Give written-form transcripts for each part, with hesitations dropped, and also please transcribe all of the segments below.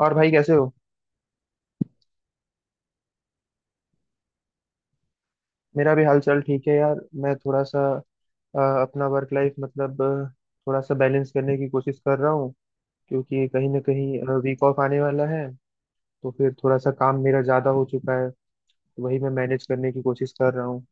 और भाई कैसे हो। मेरा भी हाल चाल ठीक है यार। मैं थोड़ा सा अपना वर्क लाइफ मतलब थोड़ा सा बैलेंस करने की कोशिश कर रहा हूँ क्योंकि कहीं ना कहीं वीक ऑफ आने वाला है। तो फिर थोड़ा सा काम मेरा ज़्यादा हो चुका है। तो वही मैं मैनेज करने की कोशिश कर रहा हूँ।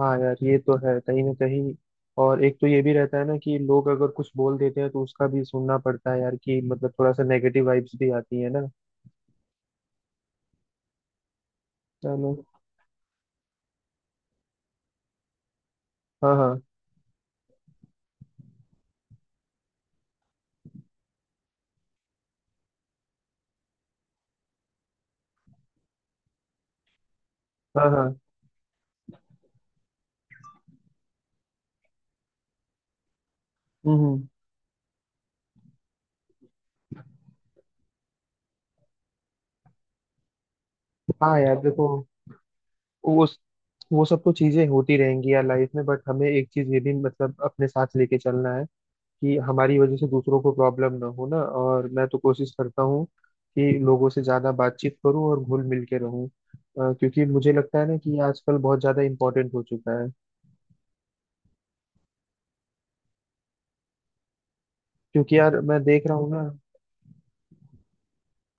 हाँ यार ये तो है कहीं ना कहीं। और एक तो ये भी रहता है ना कि लोग अगर कुछ बोल देते हैं तो उसका भी सुनना पड़ता है यार कि मतलब थोड़ा सा नेगेटिव वाइब्स भी आती है ना। चलो। हाँ हाँ। हाँ हाँ। हम्म हम्म। हाँ यार देखो वो वो सब तो चीजें होती रहेंगी यार लाइफ में, बट हमें एक चीज ये भी मतलब अपने साथ लेके चलना है कि हमारी वजह से दूसरों को प्रॉब्लम ना हो ना। और मैं तो कोशिश करता हूँ कि लोगों से ज्यादा बातचीत करूँ और घुल मिल के रहूँ क्योंकि मुझे लगता है ना कि ये आजकल बहुत ज्यादा इम्पोर्टेंट हो चुका है। क्योंकि यार मैं देख रहा हूँ ना।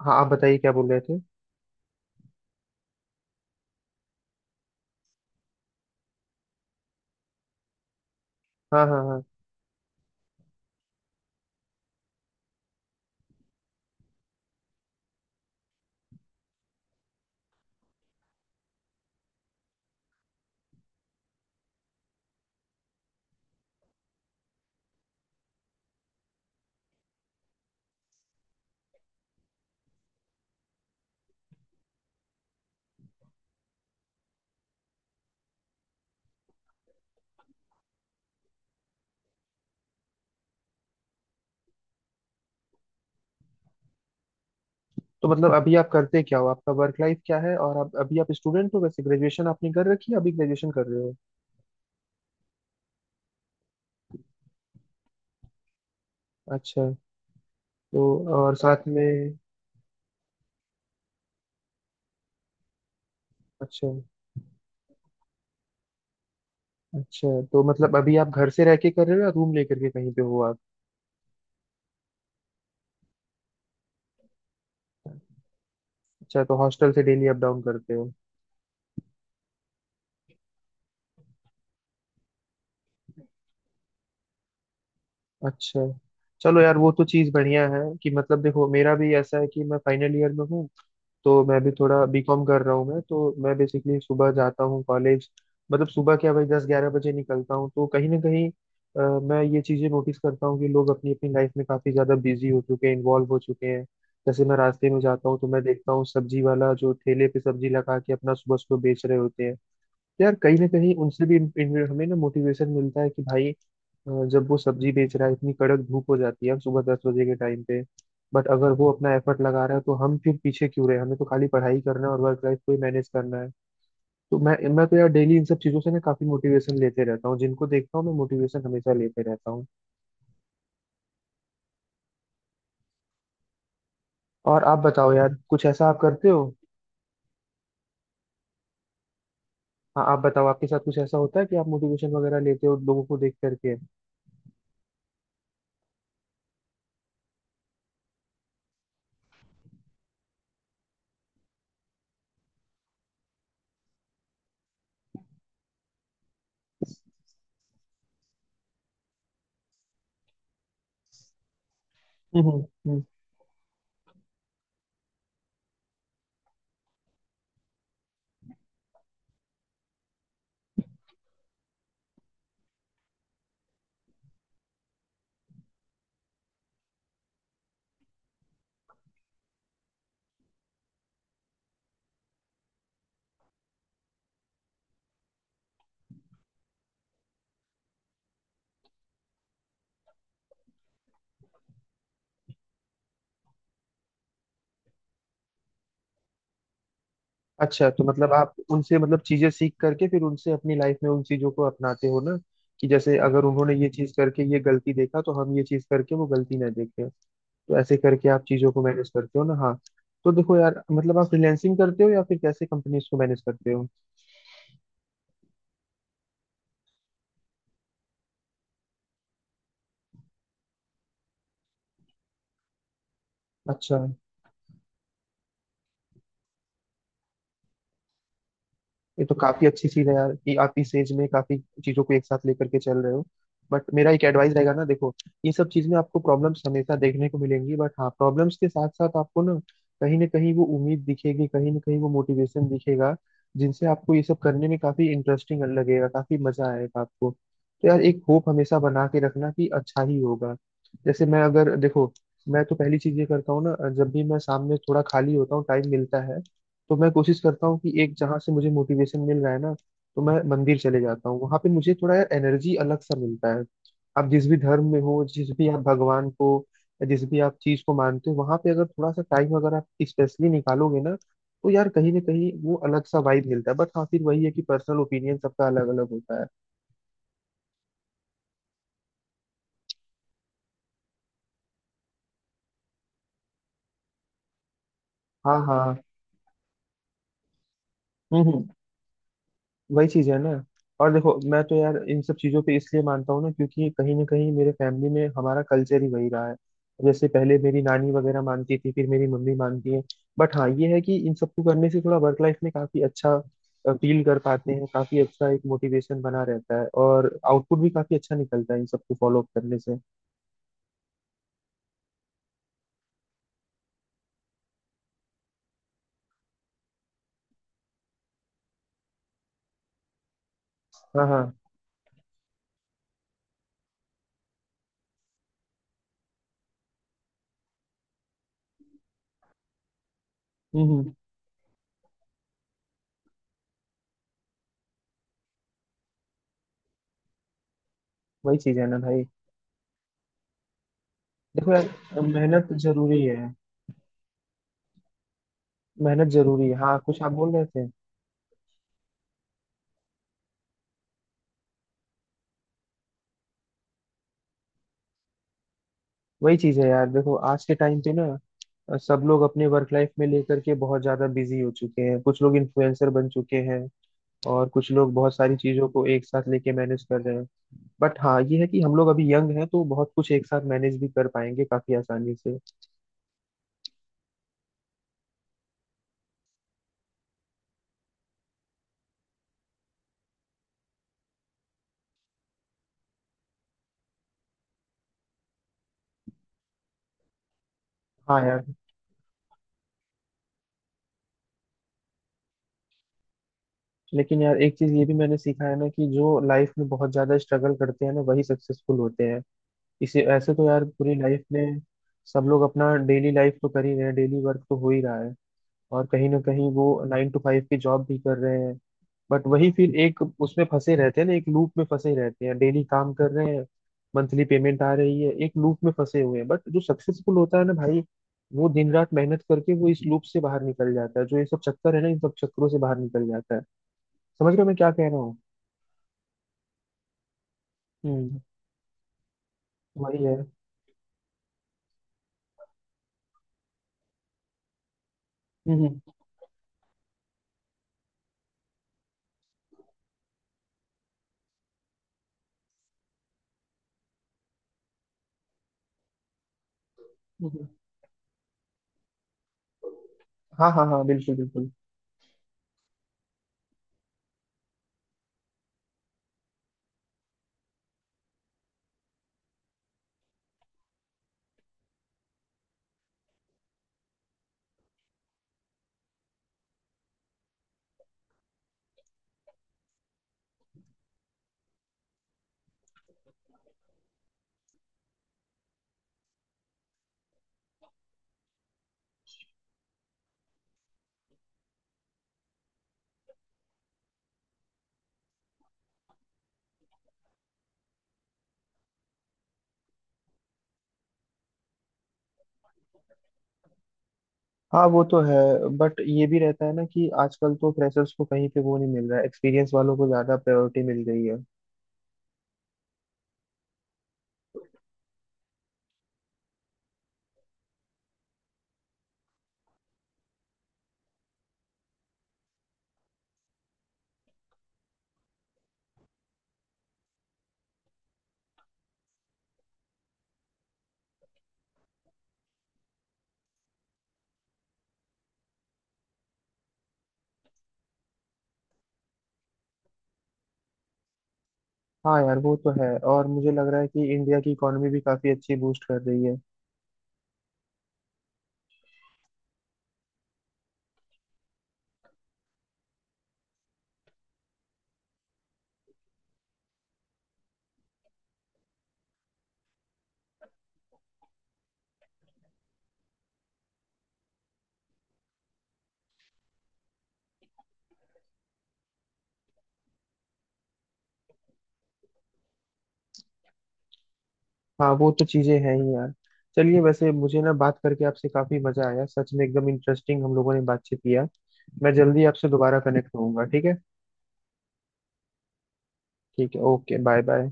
हाँ आप बताइए क्या बोल रहे थे? हाँ हाँ हाँ। तो मतलब अभी आप करते क्या हो, आपका वर्क लाइफ क्या है? और आप अभी आप स्टूडेंट हो? वैसे ग्रेजुएशन आपने कर रखी है अभी ग्रेजुएशन कर रहे हो? अच्छा। तो और साथ में अच्छा। अच्छा तो मतलब अभी आप घर से रह के कर रहे हो या रूम लेकर के कहीं पे हो आप? अच्छा तो हॉस्टल से डेली अप डाउन करते हो? अच्छा। चलो यार वो तो चीज़ बढ़िया है कि मतलब देखो मेरा भी ऐसा है कि मैं फाइनल ईयर में हूँ। तो मैं भी थोड़ा बीकॉम कर रहा हूँ। मैं बेसिकली सुबह जाता हूँ कॉलेज। मतलब सुबह क्या भाई 10-11 बजे निकलता हूँ। तो कहीं ना कहीं मैं ये चीजें नोटिस करता हूँ कि लोग अपनी अपनी लाइफ में काफी ज्यादा बिजी हो चुके हैं इन्वॉल्व हो चुके हैं। जैसे मैं रास्ते में जाता हूँ तो मैं देखता हूँ सब्जी वाला जो ठेले पे सब्जी लगा के अपना सुबह सुबह बेच रहे होते हैं। तो यार कहीं ना कहीं उनसे भी इन, इन, हमें ना मोटिवेशन मिलता है कि भाई जब वो सब्जी बेच रहा है इतनी कड़क धूप हो जाती है, हम सुबह 10 बजे के टाइम पे। बट अगर वो अपना एफर्ट लगा रहा है तो हम फिर पीछे क्यों रहे, हमें तो खाली पढ़ाई करना है और वर्क लाइफ को ही मैनेज करना है। तो मैं तो यार डेली इन सब चीजों से ना काफी मोटिवेशन लेते रहता हूँ, जिनको देखता हूँ मैं मोटिवेशन हमेशा लेते रहता हूँ। और आप बताओ यार कुछ ऐसा आप करते हो? हाँ आप बताओ आपके साथ कुछ ऐसा होता है कि आप मोटिवेशन वगैरह लेते हो लोगों को देख करके? हम्म हम्म। अच्छा तो मतलब आप उनसे मतलब चीजें सीख करके फिर उनसे अपनी लाइफ में उन चीजों को अपनाते हो ना कि जैसे अगर उन्होंने ये चीज करके ये गलती देखा तो हम ये चीज करके वो गलती ना देखें। तो ऐसे करके आप चीजों को मैनेज करते हो ना हाँ। तो देखो यार मतलब आप फ्रीलैंसिंग करते हो या फिर कैसे कंपनीज को मैनेज करते हो? अच्छा। ये तो काफी अच्छी चीज है यार कि आप इस एज में काफी चीजों को एक साथ लेकर के चल रहे हो। बट मेरा एक एडवाइस रहेगा ना देखो, ये सब चीज में आपको प्रॉब्लम्स हमेशा देखने को मिलेंगी, बट हाँ प्रॉब्लम्स के साथ साथ आपको ना कहीं वो उम्मीद दिखेगी, कहीं ना कहीं वो मोटिवेशन दिखेगा, जिनसे आपको ये सब करने में काफी इंटरेस्टिंग लगेगा, काफी मजा आएगा आपको। तो यार एक होप हमेशा बना के रखना कि अच्छा ही होगा। जैसे मैं अगर देखो, मैं तो पहली चीज ये करता हूँ ना, जब भी मैं शाम में थोड़ा खाली होता हूँ टाइम मिलता है तो मैं कोशिश करता हूँ कि एक जहाँ से मुझे मोटिवेशन मिल रहा है ना तो मैं मंदिर चले जाता हूँ, वहां पे मुझे थोड़ा यार एनर्जी अलग सा मिलता है। आप जिस भी धर्म में हो, जिस भी आप भगवान को या जिस भी आप चीज को मानते हो वहां पे अगर थोड़ा सा टाइम अगर आप स्पेशली निकालोगे ना तो यार कहीं ना कहीं वो अलग सा वाइब मिलता है। बट हाँ फिर वही है कि पर्सनल ओपिनियन सबका अलग अलग होता है। हाँ हाँ हाँ। हम्म। वही चीज है ना। और देखो मैं तो यार इन सब चीजों पे इसलिए मानता हूँ ना क्योंकि कहीं ना कहीं मेरे फैमिली में हमारा कल्चर ही वही रहा है। जैसे पहले मेरी नानी वगैरह मानती थी फिर मेरी मम्मी मानती है। बट हाँ ये है कि इन सबको करने से थोड़ा वर्क लाइफ में काफी अच्छा फील कर पाते हैं, काफी अच्छा एक मोटिवेशन बना रहता है और आउटपुट भी काफी अच्छा निकलता है इन सबको फॉलो अप करने से। हाँ हाँ। हम्म। वही चीज है ना भाई। देखो यार मेहनत जरूरी है। मेहनत जरूरी है। हाँ, कुछ आप बोल रहे थे? वही चीज है यार, देखो आज के टाइम पे ना सब लोग अपने वर्क लाइफ में लेकर के बहुत ज्यादा बिजी हो चुके हैं, कुछ लोग इन्फ्लुएंसर बन चुके हैं और कुछ लोग बहुत सारी चीजों को एक साथ लेके मैनेज कर रहे हैं। बट हाँ ये है कि हम लोग अभी यंग हैं तो बहुत कुछ एक साथ मैनेज भी कर पाएंगे काफी आसानी से। हाँ यार। लेकिन यार एक चीज ये भी मैंने सीखा है ना कि जो लाइफ में बहुत ज्यादा स्ट्रगल करते हैं ना वही सक्सेसफुल होते हैं। इसे ऐसे तो यार पूरी लाइफ में सब लोग अपना डेली लाइफ तो कर ही रहे हैं, डेली वर्क तो हो ही रहा है। और कहीं ना कहीं वो 9 to 5 की जॉब भी कर रहे हैं। बट वही फिर एक उसमें फंसे रहते हैं ना, एक लूप में फंसे रहते हैं, डेली काम कर रहे हैं, मंथली पेमेंट आ रही है, एक लूप में फंसे हुए हैं। बट जो सक्सेसफुल होता है ना भाई वो दिन रात मेहनत करके वो इस लूप से बाहर निकल जाता है, जो ये सब चक्कर है ना इन सब चक्करों से बाहर निकल जाता है। समझ रहे हो मैं क्या कह रहा हूँ? हम्म। वही है। हम्म हम्म। हाँ हाँ हाँ बिल्कुल बिल्कुल। हाँ वो तो है। बट ये भी रहता है ना कि आजकल तो फ्रेशर्स को कहीं पे वो नहीं मिल रहा है, एक्सपीरियंस वालों को ज्यादा प्रायोरिटी मिल रही है। हाँ यार वो तो है। और मुझे लग रहा है कि इंडिया की इकोनॉमी भी काफी अच्छी बूस्ट कर रही है। हाँ वो तो चीजें हैं ही यार। चलिए, वैसे मुझे ना बात करके आपसे काफी मजा आया सच में, एकदम इंटरेस्टिंग हम लोगों ने बातचीत किया। मैं जल्दी आपसे दोबारा कनेक्ट होऊंगा, ठीक है? ठीक है। Okay bye bye.